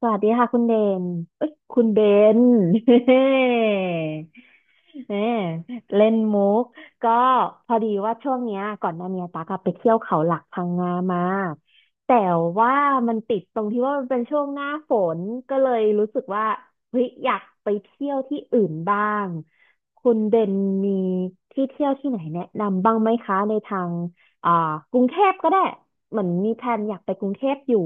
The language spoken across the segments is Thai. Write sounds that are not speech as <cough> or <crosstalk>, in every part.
สวัสดีค่ะนคุณเบน <laughs> เฮ้เล่นมุกก็พอดีว่าช่วงเนี้ยก่อนหน้าเนี้ยตากอะไปเที่ยวเขาหลักพังงามา แต่ว่ามันติดตรงที่ว่ามันเป็นช่วงหน้าฝนก็เลยรู้สึกว่าเฮ้ยอยากไปเที่ยวที่อื่นบ้าง คุณเบนมีที่เที่ยวที่ไหนแนะนำบ้างไหมคะในทางอ่ากรุงเทพก็ได้เหมือนมีแผนอยากไปกรุงเทพอยู่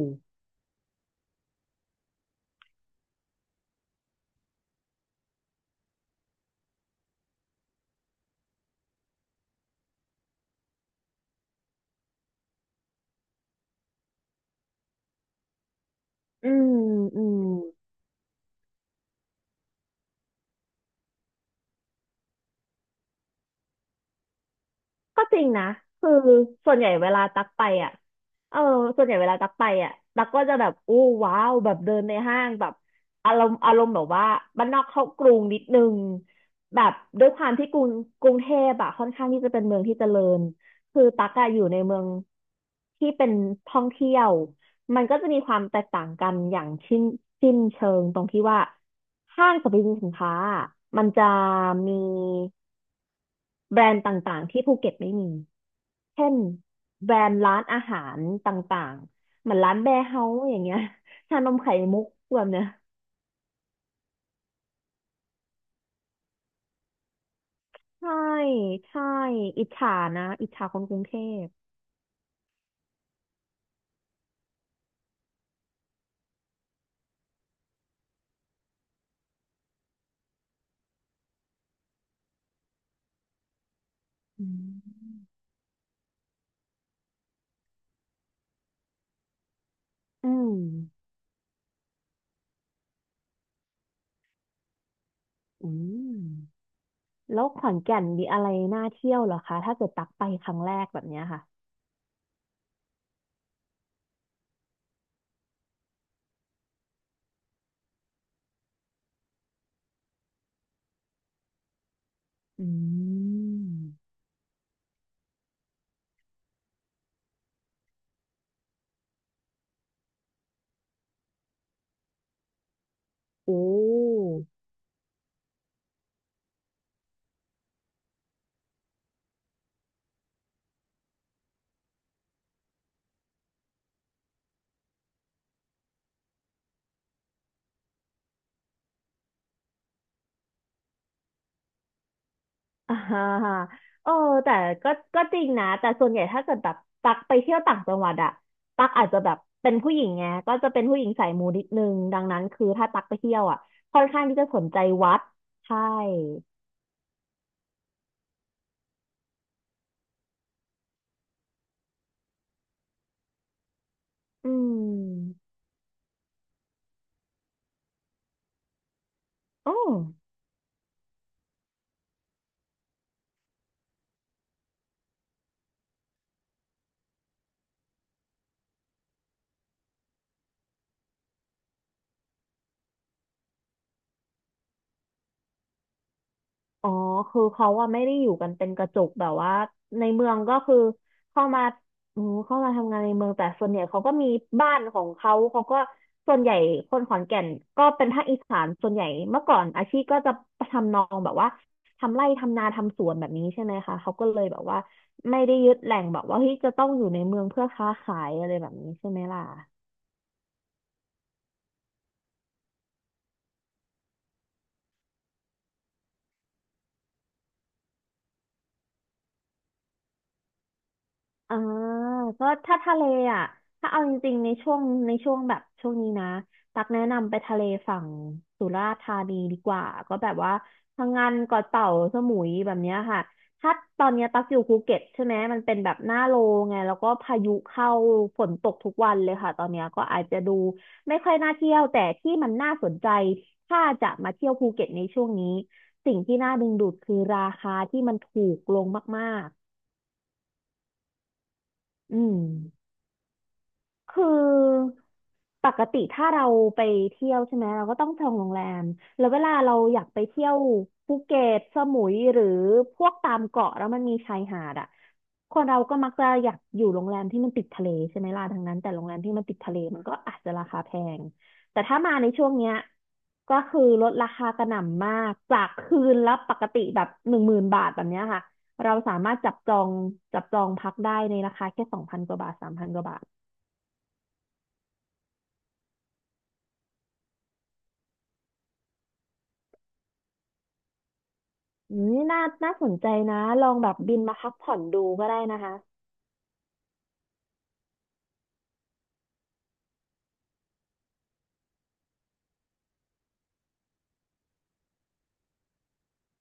อืมอืม ก็จริงนะคือส่วนใหญ่เวลาตักไปอ่ะเออส่วนใหญ่เวลาตักไปอ่ะตักก็จะแบบอู้ว้าวแบบเดินในห้างแบบอารมณ์แบบว่าบ้านนอกเข้ากรุงนิดนึงแบบด้วยความที่กรุงเทพอ่ะค่อนข้างที่จะเป็นเมืองที่เจริญคือตักอะอยู่ในเมืองที่เป็นท่องเที่ยวมันก็จะมีความแตกต่างกันอย่างชิ้นสิ้นเชิงตรงที่ว่าห้างสรรพสินค้าอะมันจะมี แบรนด์ต่างๆที่ภูเก็ตไม่มี เช่นแบรนด์ร้านอาหารต่างๆเหมือนร้านแบร์เฮาส์อย่างเงี้ย <laughs> ชานมไข่มุกแบบเนี้ยใช่ใช่อิจฉานะอิจฉาคนกรุงเทพอืมอืมอืมแล้วขอนแก่นมีอะไรน่าเที่ยวเหรอคะถ้าเกิดตักไปครั้งแรกแบบเนี้ยค่ะอืมโอ้ อ่าเออแต่ก็ก็จริงนะแต่ส่วนใหญ่ถ้าเกิดแบบตักไปเที่ยวต่างจังหวัดอะตักอาจจะแบบเป็นผู้หญิงไงก็จะเป็นผู้หญิงสายมูนิดนึงดังนั้นคือถ้าตักไปเที่ยวอะค่อนข้างที่จะสนใจวัดใช่อืมอ๋อ อ๋อคือเขาอะไม่ได้อยู่กันเป็นกระจุกแบบว่าในเมืองก็คือเข้ามาอืมเข้ามาทำงานในเมืองแต่ส่วนใหญ่เขาก็มีบ้านของเขาเขาก็ส่วนใหญ่คนขอนแก่นก็เป็นภาคอีสานส่วนใหญ่เมื่อก่อนอาชีพก็จะทำนองแบบว่าทำไร่ทำนาทำสวนแบบนี้ใช่ไหมคะเขาก็เลยแบบว่าไม่ได้ยึดแหล่งแบบว่าเฮ้ยจะต้องอยู่ในเมืองเพื่อค้าขายอะไรแบบนี้ใช่ไหมล่ะ อ่าก็ถ้าทะเลอ่ะถ้าเอาจริงๆในช่วงในช่วงแบบช่วงนี้นะตักแนะนำไปทะเลฝั่งสุราษฎร์ธานีดีกว่าก็แบบว่าพังงานเกาะเต่าสมุยแบบเนี้ยค่ะถ้าตอนเนี้ยตักอยู่ภูเก็ตใช่ไหมมันเป็นแบบหน้าโลไงแล้วก็พายุเข้าฝนตกทุกวันเลยค่ะตอนเนี้ยก็อาจจะดูไม่ค่อยน่าเที่ยวแต่ที่มันน่าสนใจถ้าจะมาเที่ยวภูเก็ตในช่วงนี้สิ่งที่น่าดึงดูดคือราคาที่มันถูกลงมากๆอืม คือปกติถ้าเราไปเที่ยวใช่ไหมเราก็ต้องจองโรงแรมแล้วเวลาเราอยากไปเที่ยวภูเก็ตสมุยหรือพวกตามเกาะแล้วมันมีชายหาดอ่ะคนเราก็มักจะอยากอยู่โรงแรมที่มันติดทะเลใช่ไหมล่ะดังนั้นแต่โรงแรมที่มันติดทะเลมันก็อาจจะราคาแพงแต่ถ้ามาในช่วงเนี้ยก็คือลดราคากระหน่ำมากจากคืนละปกติแบบ10,000 บาทแบบเนี้ยค่ะเราสามารถจับจองพักได้ในราคาแค่2,000 กว่าบาท3,000 กว่าบาท อืมน่าสนใจนะลองแบบบินมาพักผ่อนดูก็ได้นะคะ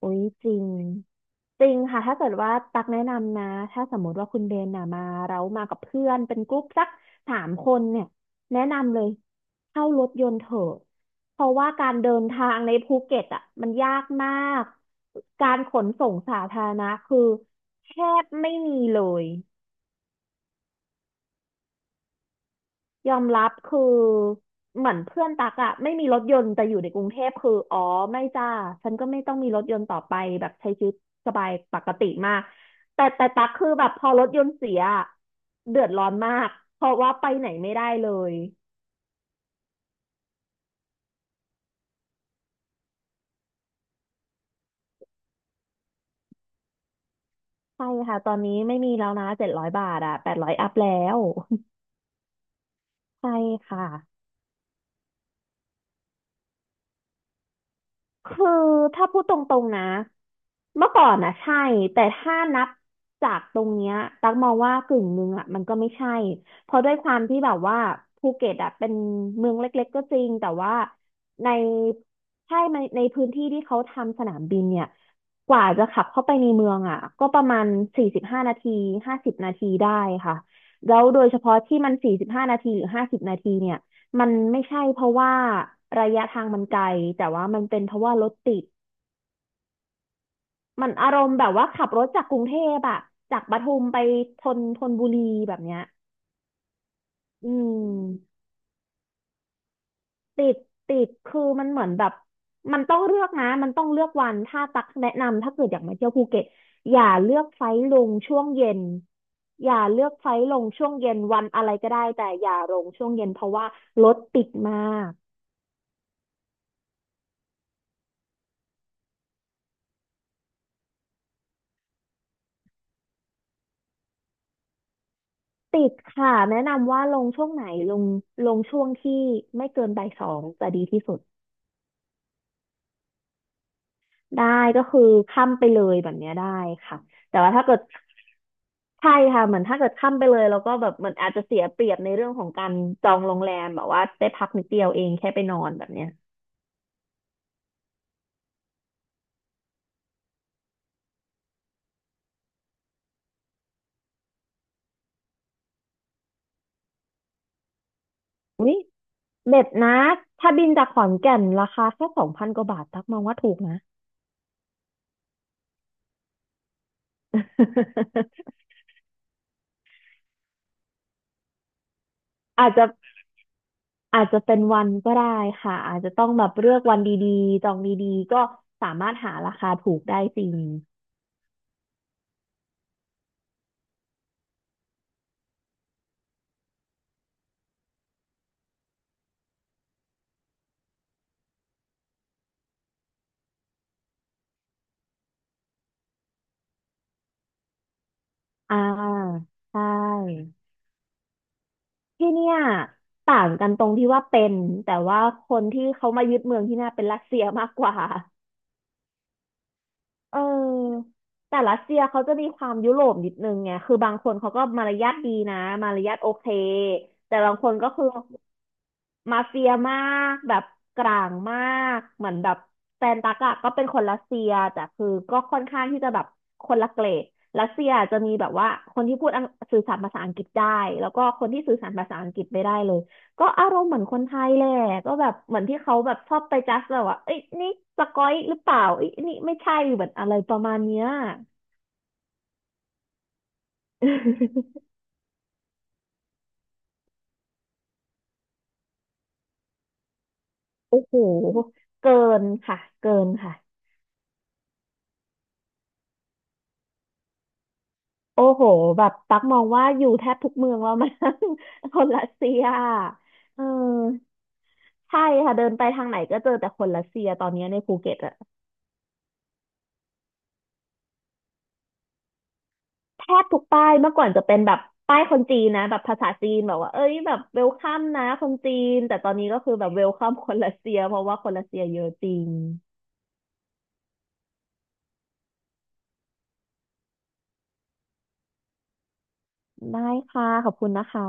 อุ้ยจริงจริงค่ะถ้าเกิดว่าตักแนะนำนะถ้าสมมติว่าคุณเบนน่ะมาเรามากับเพื่อนเป็นกรุ๊ปสัก3 คนเนี่ยแนะนำเลยเข้ารถยนต์เถอะเพราะว่าการเดินทางในภูเก็ตอ่ะมันยากมากการขนส่งสาธารณะคือแทบไม่มีเลย ยอมรับคือเหมือนเพื่อนตักอะไม่มีรถยนต์แต่อยู่ในกรุงเทพคืออ๋อไม่จ้าฉันก็ไม่ต้องมีรถยนต์ต่อไปแบบใช้ชีวิตสบายปกติมากแต่ตักคือแบบพอรถยนต์เสียอะเดือดร้อนมากเพราะว่าไปไหนไม่ได้เลยใช่ค่ะตอนนี้ไม่มีแล้วนะ700 บาทอะ800อัพแล้ว <laughs> ใช่ค่ะ คือถ้าพูดตรงๆนะเมื่อก่อนนะใช่แต่ถ้านับจากตรงเนี้ยตักมองว่ากึ่งหนึ่งอ่ะมันก็ไม่ใช่เพราะด้วยความที่แบบว่าภูเก็ตอ่ะเป็นเมืองเล็กๆก็จริงแต่ว่าในในพื้นที่ที่เขาทำสนามบินเนี่ยกว่าจะขับเข้าไปในเมืองอ่ะก็ประมาณสี่สิบห้านาทีห้าสิบนาทีได้ค่ะแล้วโดยเฉพาะที่มันสี่สิบห้านาทีหรือห้าสิบนาทีเนี่ย มันไม่ใช่เพราะว่าระยะทางมันไกลแต่ว่ามันเป็นเพราะว่ารถติดมันอารมณ์แบบว่าขับรถจากกรุงเทพอะจากปทุมไปธนบุรีแบบเนี้ยอืมติดติดคือมันเหมือนแบบมันต้องเลือกนะมันต้องเลือกวันถ้าตักแนะนำถ้าเกิดอยากมาเที่ยวภูเก็ตอย่าเลือกไฟล์ลงช่วงเย็นอย่าเลือกไฟล์ลงช่วงเย็นวันอะไรก็ได้แต่อย่าลงช่วงเย็นเพราะว่ารถติดมาก ติดค่ะแนะนำว่าลงช่วงไหนลงลงช่วงที่ไม่เกินบ่ายสองจะดีที่สุดได้ก็คือค่ำไปเลยแบบเนี้ยได้ค่ะแต่ว่าถ้าเกิดใช่ค่ะเหมือนถ้าเกิดค่ำไปเลยแล้วก็แบบเหมือนอาจจะเสียเปรียบในเรื่องของการจองโรงแรมแบบว่าได้พักนิดเดียวเองแค่ไปนอนแบบเนี้ยเด็ดนะถ้าบินจากขอนแก่นราคาแค่2,000 กว่าบาทตักมองว่าถูกนะ <laughs> อาจจะ อาจจะเป็นวันก็ได้ค่ะอาจจะต้องแบบเลือกวันดีๆจองดีๆก็สามารถหาราคาถูกได้จริงอ่าใช่ที่เนี่ยต่างกันตรงที่ว่าเป็นแต่ว่าคนที่เขามายึดเมืองที่น่าเป็นรัสเซียมากกว่า เออแต่รัสเซียเขาจะมีความยุโรปนิดนึงไงคือบางคนเขาก็มารยาทดีนะมารยาทโอเคแต่บางคนก็คือมาเฟียมากแบบกลางมากเหมือนแบบแฟนตักอะก็เป็นคนรัสเซียแต่คือก็ค่อนข้างที่จะแบบคนละเกรดรัสเซียจะมีแบบว่าคนที่พูดอังสื่อสารภาษาอังกฤษได้แล้วก็คนที่สื่อสารภาษาอังกฤษไม่ได้เลย ก็อารมณ์เหมือนคนไทยแหละก็แบบเหมือนที่เขาแบบชอบไปจัสแบบว่าเอ้ยนี่สก๊อยหรือเปล่าเอ้ยนี่ไม่ใช่เหมือนอะไรประมาณเนี้ย <laughs> โอ้โหเกินค่ะเกินค่ะโอ้โหแบบตักมองว่าอยู่แทบทุกเมืองแล้วมั้ง <laughs> คนรัสเซียเออใช่ค่ะเดินไปทางไหนก็เจอแต่คนรัสเซียตอนนี้ในภูเก็ตอะ แทบทุกป้ายเมื่อก่อนจะเป็นแบบป้ายคนจีนนะแบบภาษาจีนแบบว่าเอ้ยแบบเวลคัมนะคนจีนแต่ตอนนี้ก็คือแบบเวลคัมคนรัสเซียเพราะว่าคนรัสเซียเยอะจริงได้ค่ะขอบคุณนะคะ